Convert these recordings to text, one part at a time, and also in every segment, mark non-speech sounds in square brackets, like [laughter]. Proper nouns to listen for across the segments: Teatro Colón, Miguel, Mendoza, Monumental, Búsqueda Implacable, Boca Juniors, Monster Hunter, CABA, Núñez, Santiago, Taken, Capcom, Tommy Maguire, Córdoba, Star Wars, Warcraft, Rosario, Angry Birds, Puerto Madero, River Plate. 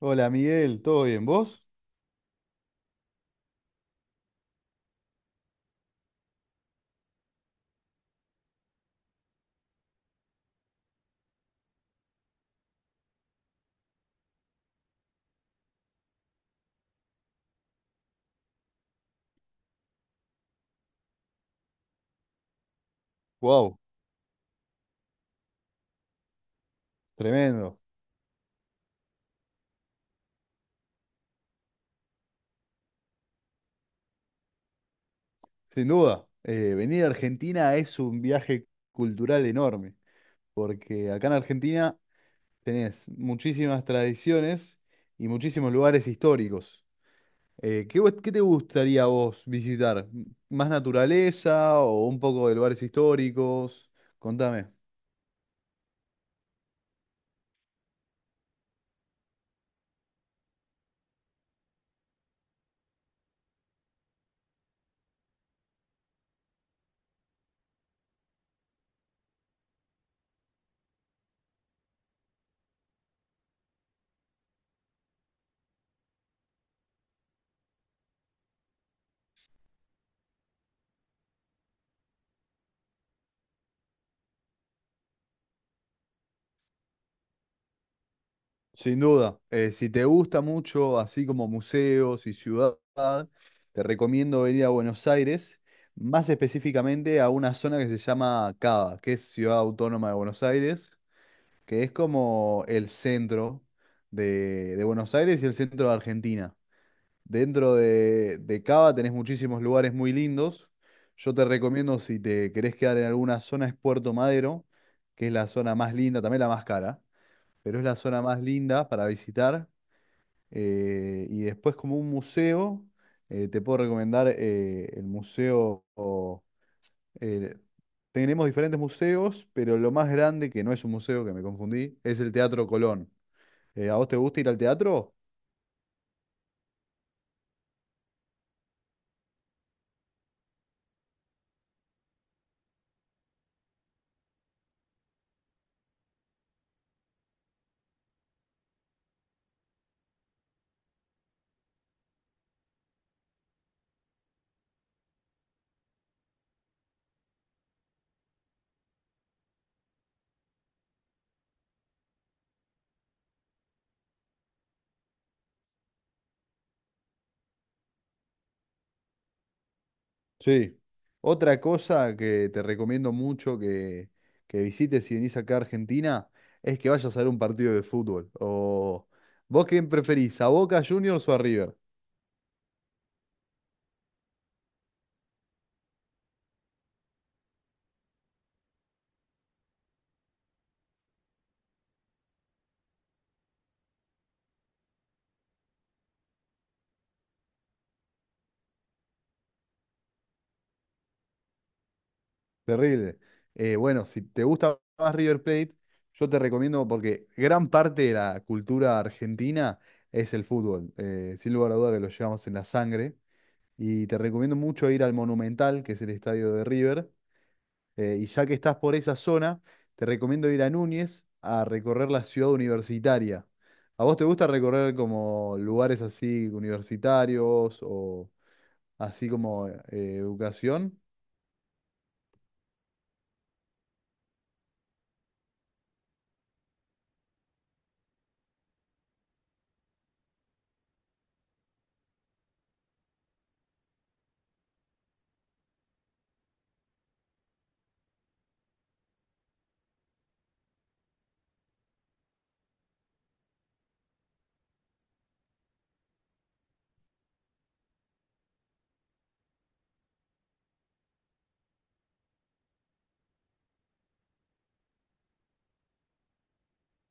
Hola Miguel, ¿todo bien? ¿Vos? Wow, tremendo, sin duda. Venir a Argentina es un viaje cultural enorme, porque acá en Argentina tenés muchísimas tradiciones y muchísimos lugares históricos. ¿Qué te gustaría a vos visitar? ¿Más naturaleza o un poco de lugares históricos? Contame. Sin duda. Eh, si te gusta mucho, así como museos y ciudad, te recomiendo venir a Buenos Aires, más específicamente a una zona que se llama CABA, que es Ciudad Autónoma de Buenos Aires, que es como el centro de Buenos Aires y el centro de Argentina. Dentro de CABA tenés muchísimos lugares muy lindos. Yo te recomiendo, si te querés quedar en alguna zona, es Puerto Madero, que es la zona más linda, también la más cara, pero es la zona más linda para visitar. Y después, como un museo, te puedo recomendar eh, tenemos diferentes museos, pero lo más grande, que no es un museo, que me confundí, es el Teatro Colón. ¿A vos te gusta ir al teatro? Sí. Otra cosa que te recomiendo mucho, que visites si venís acá a Argentina, es que vayas a ver un partido de fútbol. O ¿vos quién preferís, a Boca Juniors o a River? Terrible. Bueno, si te gusta más River Plate, yo te recomiendo porque gran parte de la cultura argentina es el fútbol. Sin lugar a duda que lo llevamos en la sangre. Y te recomiendo mucho ir al Monumental, que es el estadio de River. Y ya que estás por esa zona, te recomiendo ir a Núñez a recorrer la ciudad universitaria. ¿A vos te gusta recorrer como lugares así universitarios o así como educación?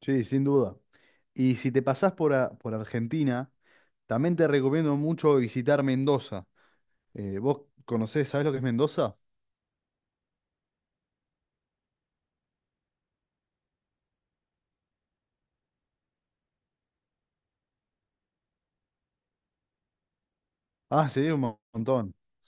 Sí, sin duda. Y si te pasás por Argentina, también te recomiendo mucho visitar Mendoza. ¿Vos conocés, sabés lo que es Mendoza? Ah, sí, un montón. [laughs]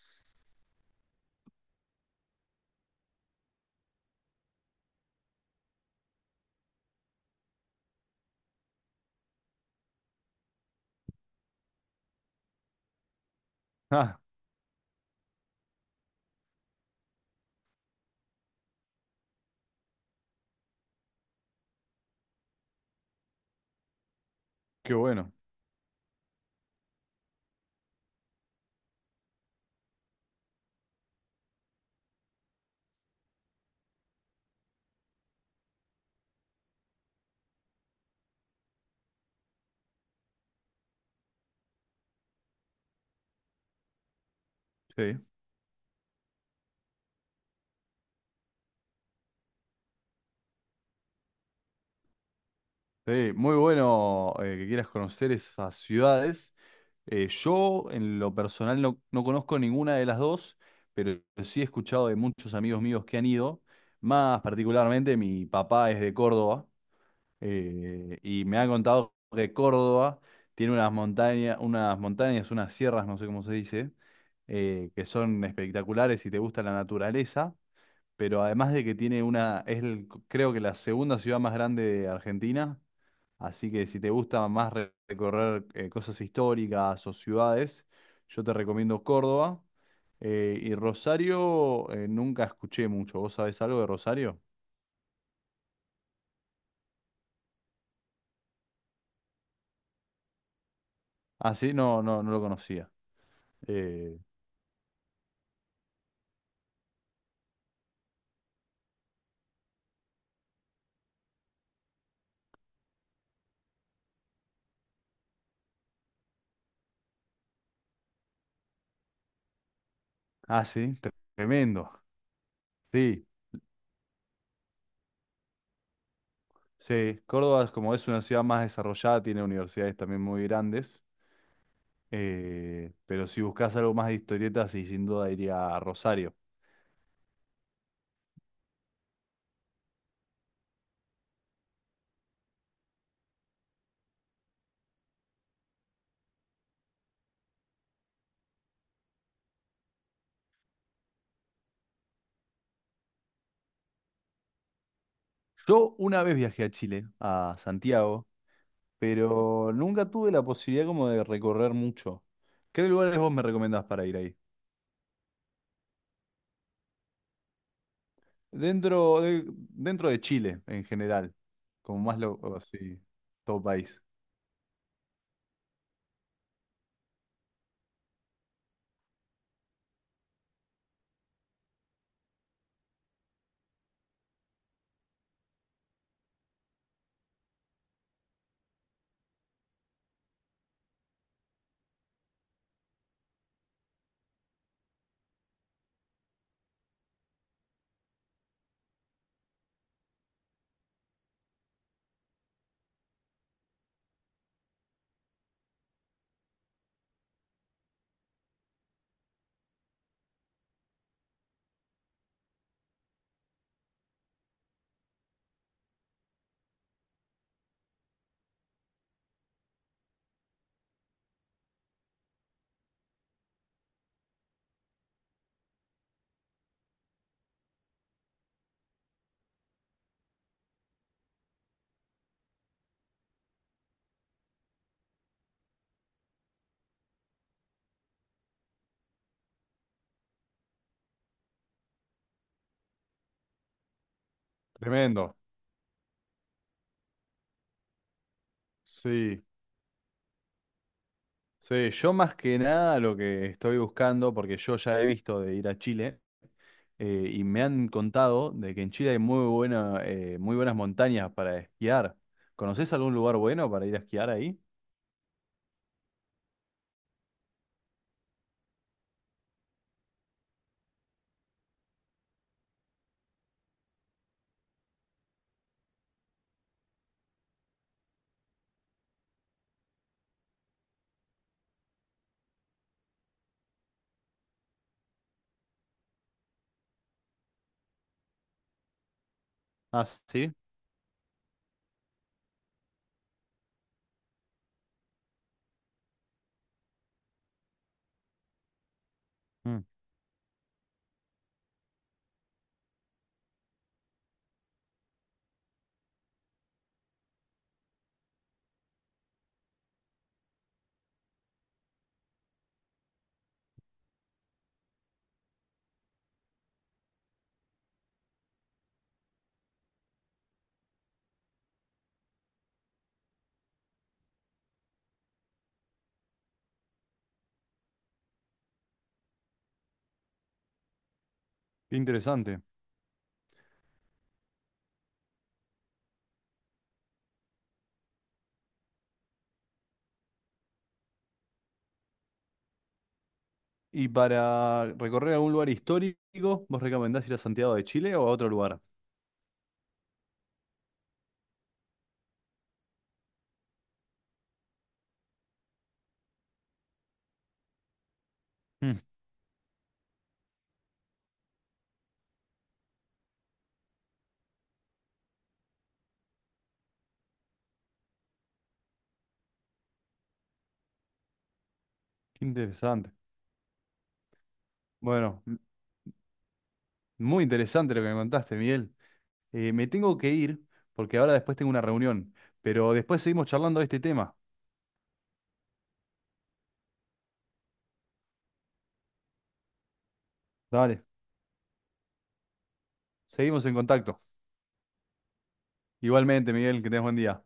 Ah, qué bueno. Sí, sí, muy bueno que quieras conocer esas ciudades. Yo, en lo personal, no, no conozco ninguna de las dos, pero sí he escuchado de muchos amigos míos que han ido. Más particularmente, mi papá es de Córdoba. Y me ha contado que Córdoba tiene unas montañas, unas montañas, unas sierras, no sé cómo se dice, que son espectaculares si te gusta la naturaleza, pero además de que tiene una, es el- creo que la segunda ciudad más grande de Argentina, así que si te gusta más recorrer cosas históricas o ciudades, yo te recomiendo Córdoba. Y Rosario, nunca escuché mucho. ¿Vos sabés algo de Rosario? Ah, sí, no, no, no lo conocía. Eh, Ah, sí, tremendo. Sí, sí. Córdoba, como es una ciudad más desarrollada, tiene universidades también muy grandes. Pero si buscas algo más de historietas, sí, sin duda iría a Rosario. Yo una vez viajé a Chile, a Santiago, pero nunca tuve la posibilidad como de recorrer mucho. ¿Qué lugares vos me recomendás para ir ahí? Dentro de Chile, en general, como más lo, así, todo país. Tremendo. Sí. Sí, yo más que nada lo que estoy buscando, porque yo ya he visto de ir a Chile, y me han contado de que en Chile hay muy buena, muy buenas montañas para esquiar. ¿Conoces algún lugar bueno para ir a esquiar ahí? Ah, sí. Mm, qué interesante. ¿Y para recorrer algún lugar histórico, vos recomendás ir a Santiago de Chile o a otro lugar? Mm, qué interesante. Bueno, muy interesante lo que me contaste, Miguel. Me tengo que ir porque ahora después tengo una reunión, pero después seguimos charlando de este tema. Dale, seguimos en contacto. Igualmente, Miguel, que tengas buen día.